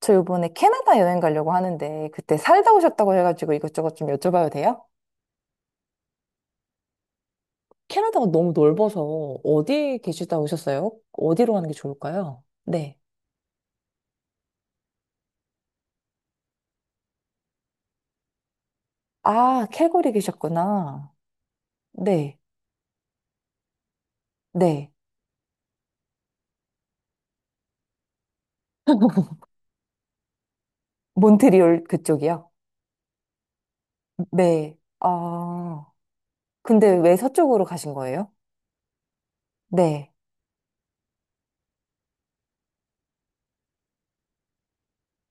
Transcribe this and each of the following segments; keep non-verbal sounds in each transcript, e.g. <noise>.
저 이번에 캐나다 여행 가려고 하는데 그때 살다 오셨다고 해가지고 이것저것 좀 여쭤봐도 돼요? 캐나다가 너무 넓어서 어디 계시다 오셨어요? 어디로 가는 게 좋을까요? 네. 아, 캘거리 계셨구나. 네, 네. 몬트리올 그쪽이요? 네. 아, 근데 왜 서쪽으로 가신 거예요? 네.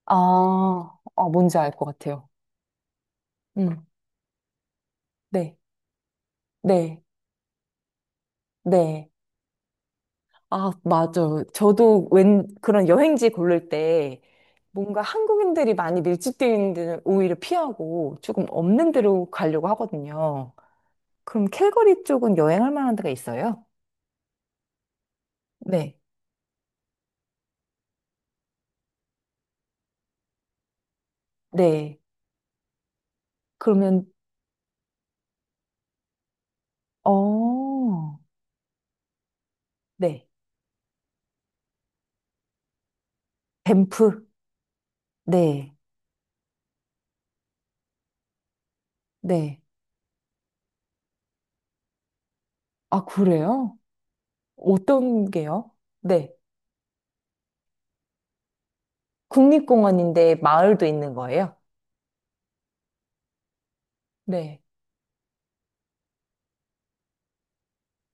아, 아 뭔지 알 것 같아요. 음, 네, 네, 네. 아, 맞아 저도 웬 그런 여행지 고를 때 뭔가 한국인들이 많이 밀집되어 있는 데는 오히려 피하고 조금 없는 데로 가려고 하거든요. 그럼 캘거리 쪽은 여행할 만한 데가 있어요? 네. 네. 그러면, 어, 네. 밴프. 네. 네. 아, 그래요? 어떤 게요? 네. 국립공원인데 마을도 있는 거예요? 네.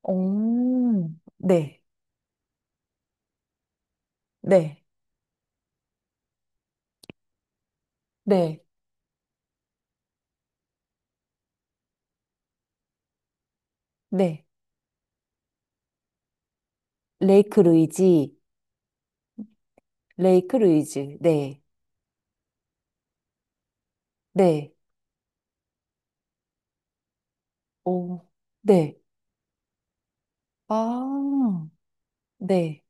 오, 네. 네. 네. 네. 레이크 루이지, 레이크 루이지, 네, 네, 오, 네, 아, 네,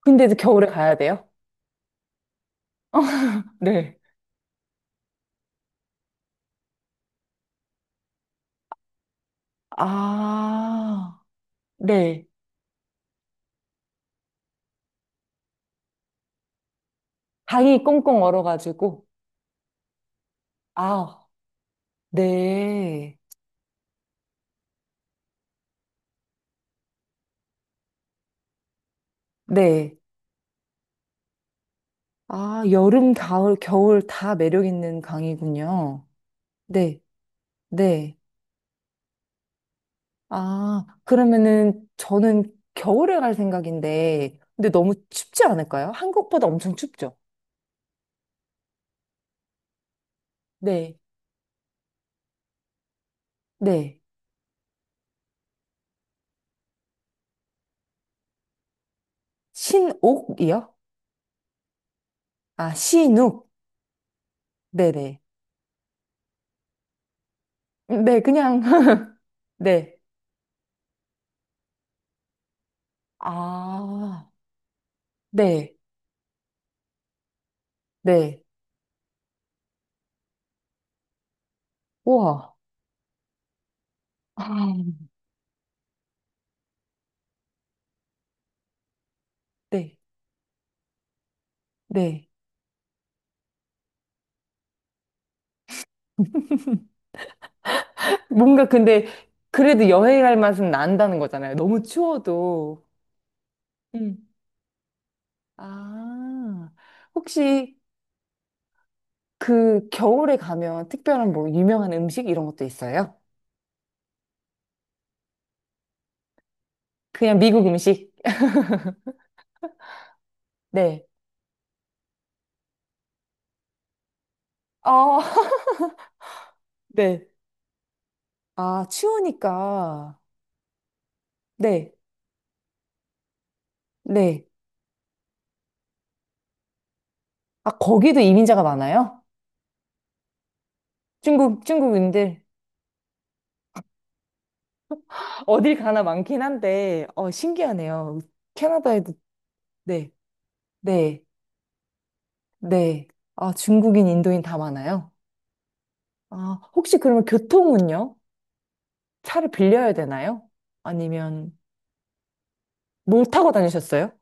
근데 이제 겨울에 가야 돼요? 네. 아, 네, 강이 꽁꽁 얼어가지고. 아, 네, 네, 아, 여름, 가을, 겨울 다 매력 있는 강이군요. 네, 네, 아, 그러면은 저는 겨울에 갈 생각인데, 근데 너무 춥지 않을까요? 한국보다 엄청 춥죠? 네, 네. 신옥이요? 아, 신욱. 네네. 네, 그냥, <laughs> 네. 아, 네, 네. 우와. <laughs> 아, 네, 네. 뭔가 근데, 그래도 여행할 맛은 난다는 거잖아요. 너무 추워도. 음. 아, 혹시 그 겨울에 가면 특별한 뭐 유명한 음식 이런 것도 있어요? 그냥 미국 음식? 네. 아, <laughs> 네. 아, 추우니까. 네, 네. 아, 거기도 이민자가 많아요? 중국인들. 어딜 가나 많긴 한데, 어, 신기하네요. 캐나다에도, 네, 네, 네. 아, 중국인, 인도인 다 많아요? 아, 혹시 그러면 교통은요? 차를 빌려야 되나요? 아니면, 뭘 타고 다니셨어요?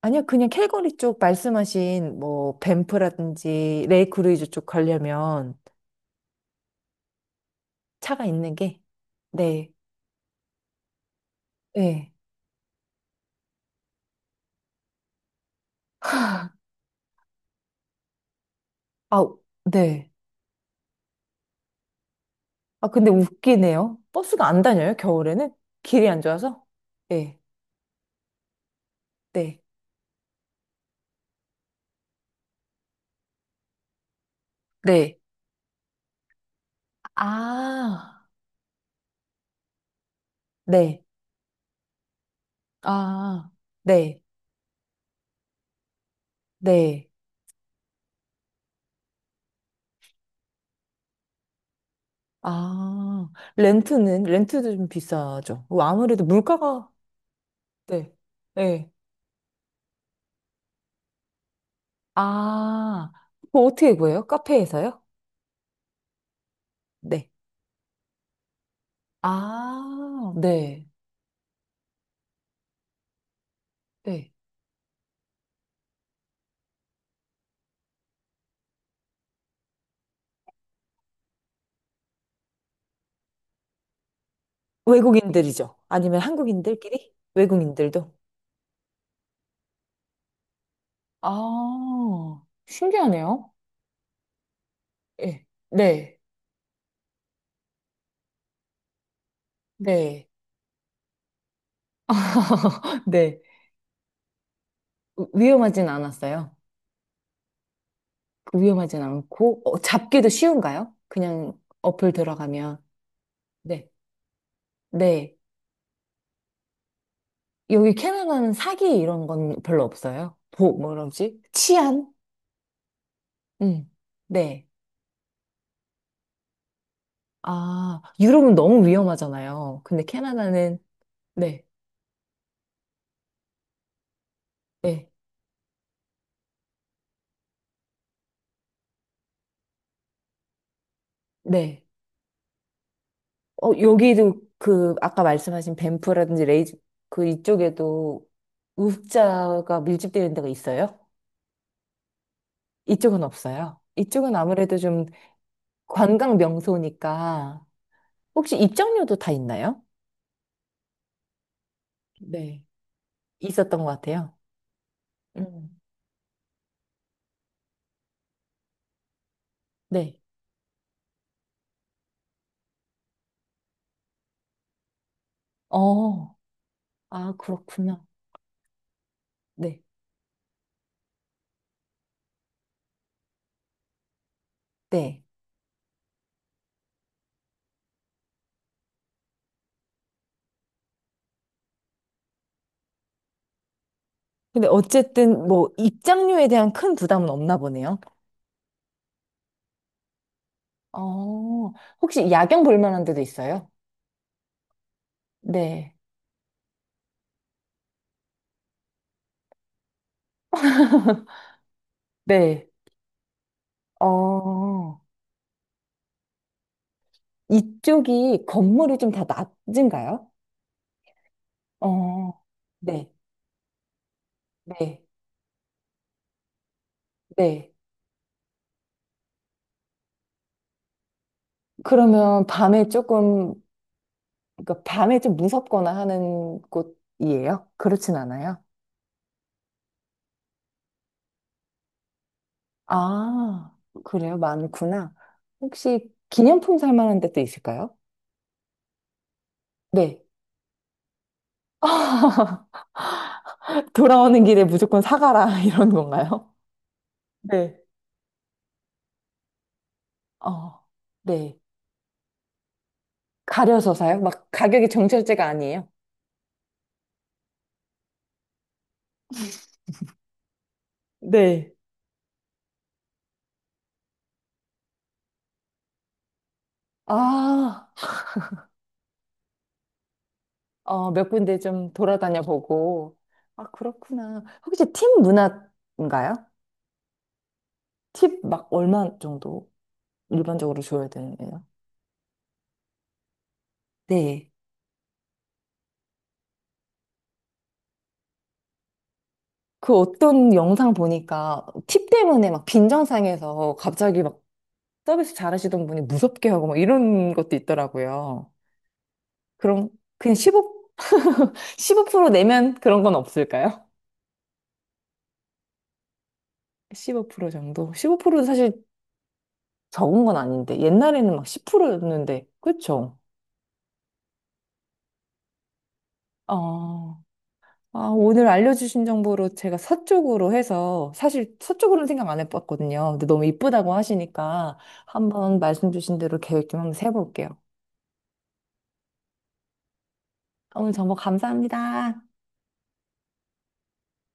아니요, 그냥 캘거리 쪽 말씀하신, 뭐, 밴프라든지, 레이크루이즈 쪽 가려면 차가 있는 게, 네, 네. 아, 네. 아, 근데 웃기네요. 버스가 안 다녀요, 겨울에는? 길이 안 좋아서? 네, 네, 네. 아, 네, 아, 네, 네. 아, 렌트도 좀 비싸죠. 뭐 아무래도 물가가, 네, 네. 아, 그거 어떻게 구해요? 카페에서요? 네. 아, 네, 네. 외국인들이죠. 아니면 한국인들끼리? 외국인들도. 아, 신기하네요. 예. 네. 네. <laughs> 네. 위험하진 않았어요. 그 위험하진 않고, 어, 잡기도 쉬운가요? 그냥 어플 들어가면. 네. 네. 여기 캐나다는 사기 이런 건 별로 없어요. 보, 뭐라지? 치안? 음. 네. 아, 유럽은 너무 위험하잖아요. 근데 캐나다는, 네. 네. 네. 어, 여기도 그, 아까 말씀하신 밴프라든지 레이즈, 그 이쪽에도 우자가 밀집되는 데가 있어요? 이쪽은 없어요. 이쪽은 아무래도 좀 관광 명소니까 혹시 입장료도 다 있나요? 네. 있었던 것 같아요. 음. 네. 어, 아, 그렇구나. 네. 네. 근데 어쨌든 뭐 입장료에 대한 큰 부담은 없나 보네요. 어, 혹시 야경 볼 만한 데도 있어요? 네. 네. 어, 이쪽이 건물이 좀 다 낮은가요? 어, 네. 네. 네. 그러면 밤에 조금 그러니까 밤에 좀 무섭거나 하는 곳이에요? 그렇진 않아요? 아, 그래요? 많구나. 혹시 기념품 살 만한 데도 있을까요? 네. <laughs> 돌아오는 길에 무조건 사가라, <laughs> 이런 건가요? 네. 어, 네. 가려서 사요? 막 가격이 정찰제가 아니에요? 네. 아, 어, 몇 군데 좀 돌아다녀 보고. 아, 그렇구나. 혹시 팁 문화인가요? 팁 막 얼마 정도 일반적으로 줘야 되나요? 네. 그 어떤 영상 보니까 팁 때문에 막 빈정상에서 갑자기 막 서비스 잘하시던 분이 무섭게 하고 막 이런 것도 있더라고요. 그럼 그냥 15, <laughs> 프로 내면 그런 건 없을까요? 15% 정도? 15%도 사실 적은 건 아닌데. 옛날에는 막 10%였는데. 그쵸? 아, 아, 오늘 알려주신 정보로 제가 서쪽으로 해서 사실 서쪽으로는 생각 안 해봤거든요. 근데 너무 이쁘다고 하시니까 한번 말씀 주신 대로 계획 좀 한번 세볼게요. 오늘 정보 감사합니다.